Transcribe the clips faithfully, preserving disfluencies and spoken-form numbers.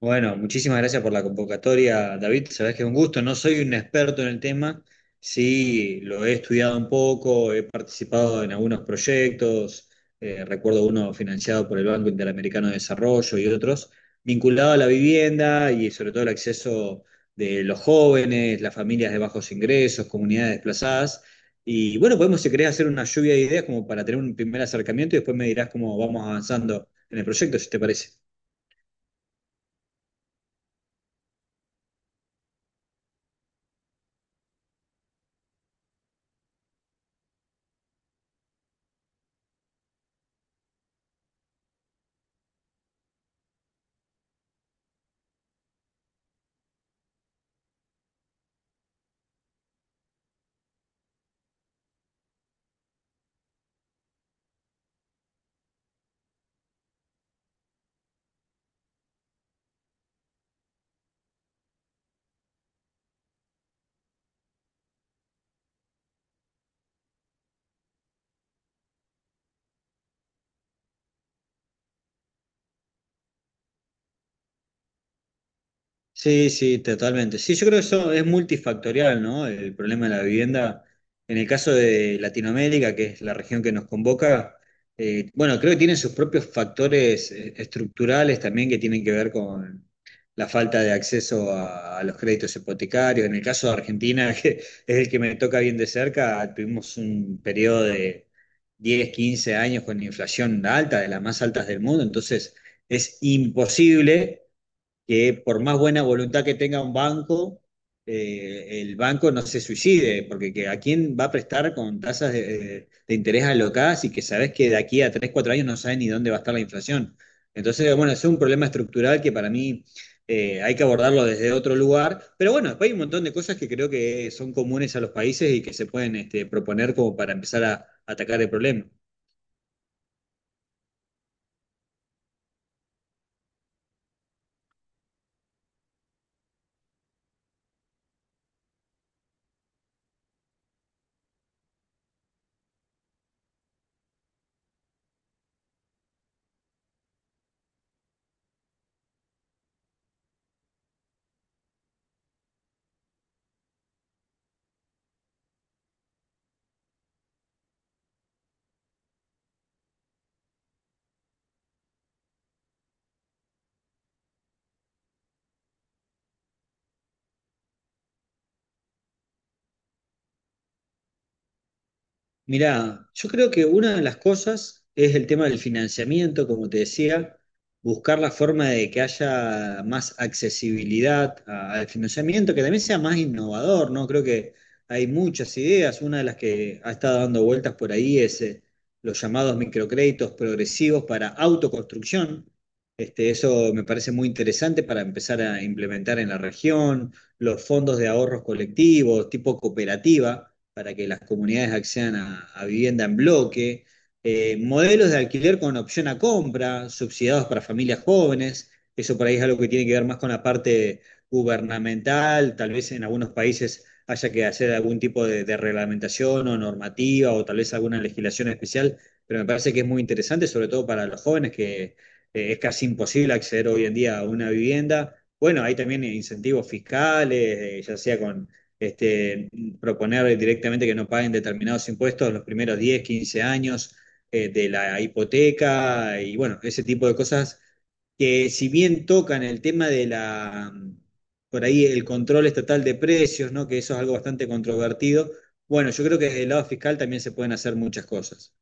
Bueno, muchísimas gracias por la convocatoria, David. Sabés que es un gusto. No soy un experto en el tema, sí lo he estudiado un poco, he participado en algunos proyectos, eh, recuerdo uno financiado por el Banco Interamericano de Desarrollo y otros, vinculado a la vivienda y sobre todo el acceso de los jóvenes, las familias de bajos ingresos, comunidades desplazadas. Y bueno, podemos, si querés, hacer una lluvia de ideas como para tener un primer acercamiento y después me dirás cómo vamos avanzando en el proyecto, si te parece. Sí, sí, totalmente. Sí, yo creo que eso es multifactorial, ¿no? El problema de la vivienda. En el caso de Latinoamérica, que es la región que nos convoca, eh, bueno, creo que tienen sus propios factores eh, estructurales también que tienen que ver con la falta de acceso a, a los créditos hipotecarios. En el caso de Argentina, que es el que me toca bien de cerca, tuvimos un periodo de diez, quince años con inflación alta, de las más altas del mundo, entonces es imposible que por más buena voluntad que tenga un banco, eh, el banco no se suicide, porque que- ¿a quién va a prestar con tasas de, de interés alocadas y que sabes que de aquí a tres cuatro años no sabes ni dónde va a estar la inflación? Entonces, bueno, es un problema estructural que para mí eh, hay que abordarlo desde otro lugar, pero bueno, después hay un montón de cosas que creo que son comunes a los países y que se pueden este, proponer como para empezar a atacar el problema. Mirá, yo creo que una de las cosas es el tema del financiamiento, como te decía, buscar la forma de que haya más accesibilidad a- al financiamiento, que también sea más innovador, ¿no? Creo que hay muchas ideas. Una de las que ha estado dando vueltas por ahí es eh, los llamados microcréditos progresivos para autoconstrucción. Este, eso me parece muy interesante para empezar a implementar en la región, los fondos de ahorros colectivos, tipo cooperativa para que las comunidades accedan a, a vivienda en bloque, eh, modelos de alquiler con opción a compra, subsidiados para familias jóvenes. Eso por ahí es algo que tiene que ver más con la parte gubernamental, tal vez en algunos países haya que hacer algún tipo de, de reglamentación o normativa o tal vez alguna legislación especial, pero me parece que es muy interesante, sobre todo para los jóvenes que eh, es casi imposible acceder hoy en día a una vivienda. Bueno, hay también incentivos fiscales, eh, ya sea con este, proponer directamente que no paguen determinados impuestos los primeros diez quince años eh, de la hipoteca. Y bueno, ese tipo de cosas que si bien tocan el tema de la, por ahí el control estatal de precios, ¿no? Que eso es algo bastante controvertido, bueno, yo creo que desde el lado fiscal también se pueden hacer muchas cosas.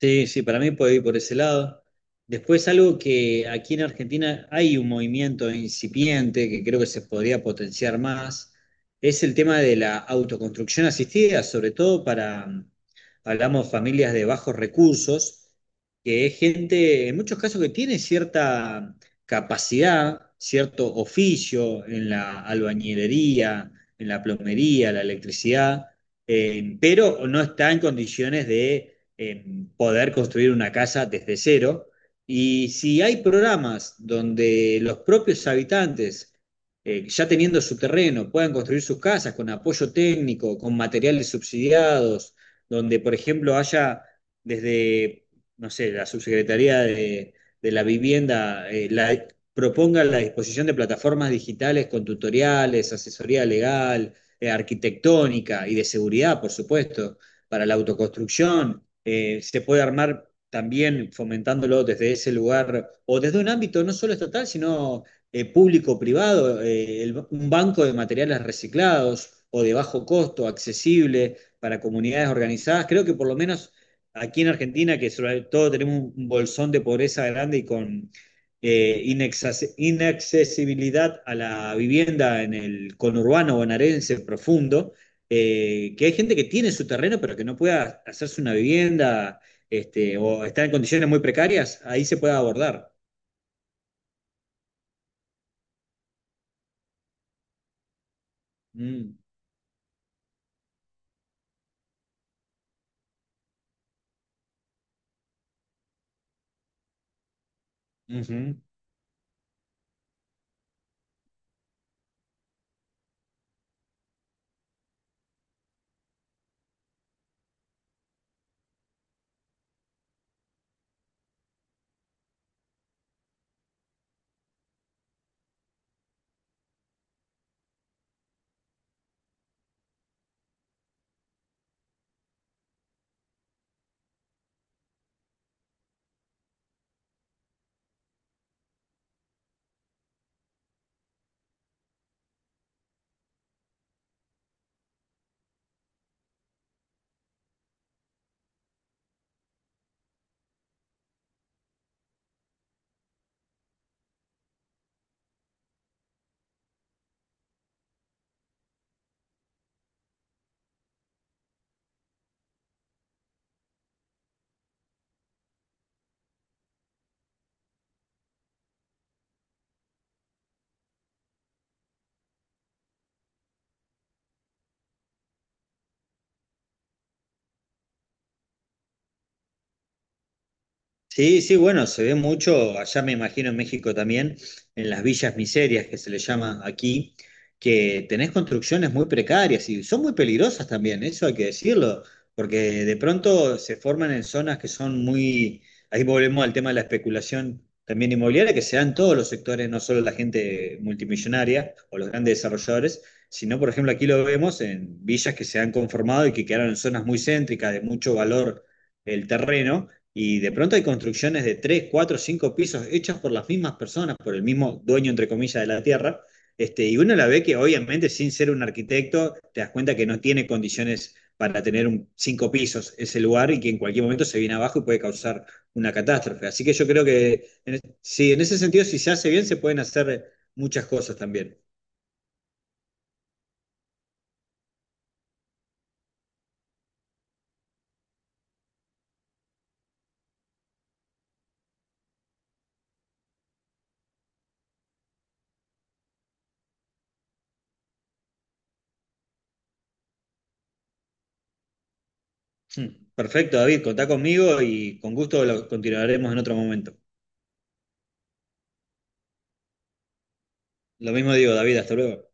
Sí, sí, para mí puede ir por ese lado. Después algo que aquí en Argentina hay un movimiento incipiente que creo que se podría potenciar más, es el tema de la autoconstrucción asistida, sobre todo para, mm, hablamos familias de bajos recursos, que es gente, en muchos casos, que tiene cierta capacidad, cierto oficio en la albañilería, en la plomería, la electricidad, eh, pero no está en condiciones de eh, poder construir una casa desde cero. Y si hay programas donde los propios habitantes, eh, ya teniendo su terreno, puedan construir sus casas con apoyo técnico, con materiales subsidiados, donde, por ejemplo, haya desde, no sé, la subsecretaría de, de la vivienda, eh, la, proponga la disposición de plataformas digitales con tutoriales, asesoría legal, eh, arquitectónica y de seguridad, por supuesto, para la autoconstrucción eh, se puede armar también fomentándolo desde ese lugar o desde un ámbito no solo estatal, sino eh, público-privado, eh, el- un banco de materiales reciclados o de bajo costo, accesible para comunidades organizadas. Creo que por lo menos aquí en Argentina, que sobre todo tenemos un bolsón de pobreza grande y con eh, inaccesibilidad a la vivienda en el conurbano bonaerense profundo, eh, que hay gente que tiene su terreno pero que no pueda hacerse una vivienda este, o está en condiciones muy precarias, ahí se puede abordar. Mm, ujú. Sí, sí, bueno, se ve mucho, allá me imagino en México también, en las villas miserias que se le llama aquí, que tenés construcciones muy precarias y son muy peligrosas también, eso hay que decirlo, porque de pronto se forman en zonas que son muy, ahí volvemos al tema de la especulación también inmobiliaria, que se da en todos los sectores, no solo la gente multimillonaria o los grandes desarrolladores, sino por ejemplo aquí lo vemos en villas que se han conformado y que quedaron en zonas muy céntricas de mucho valor el terreno y de pronto hay construcciones de tres, cuatro, cinco pisos hechas por las mismas personas, por el mismo dueño, entre comillas, de la tierra. Este, y uno la ve que obviamente sin ser un arquitecto te das cuenta que no tiene condiciones para tener un, cinco pisos ese lugar y que en cualquier momento se viene abajo y puede causar una catástrofe. Así que yo creo que en, sí, en ese sentido, si se hace bien, se pueden hacer muchas cosas también. Hmm. Perfecto, David, contá conmigo y con gusto lo continuaremos en otro momento. Lo mismo digo, David, hasta luego.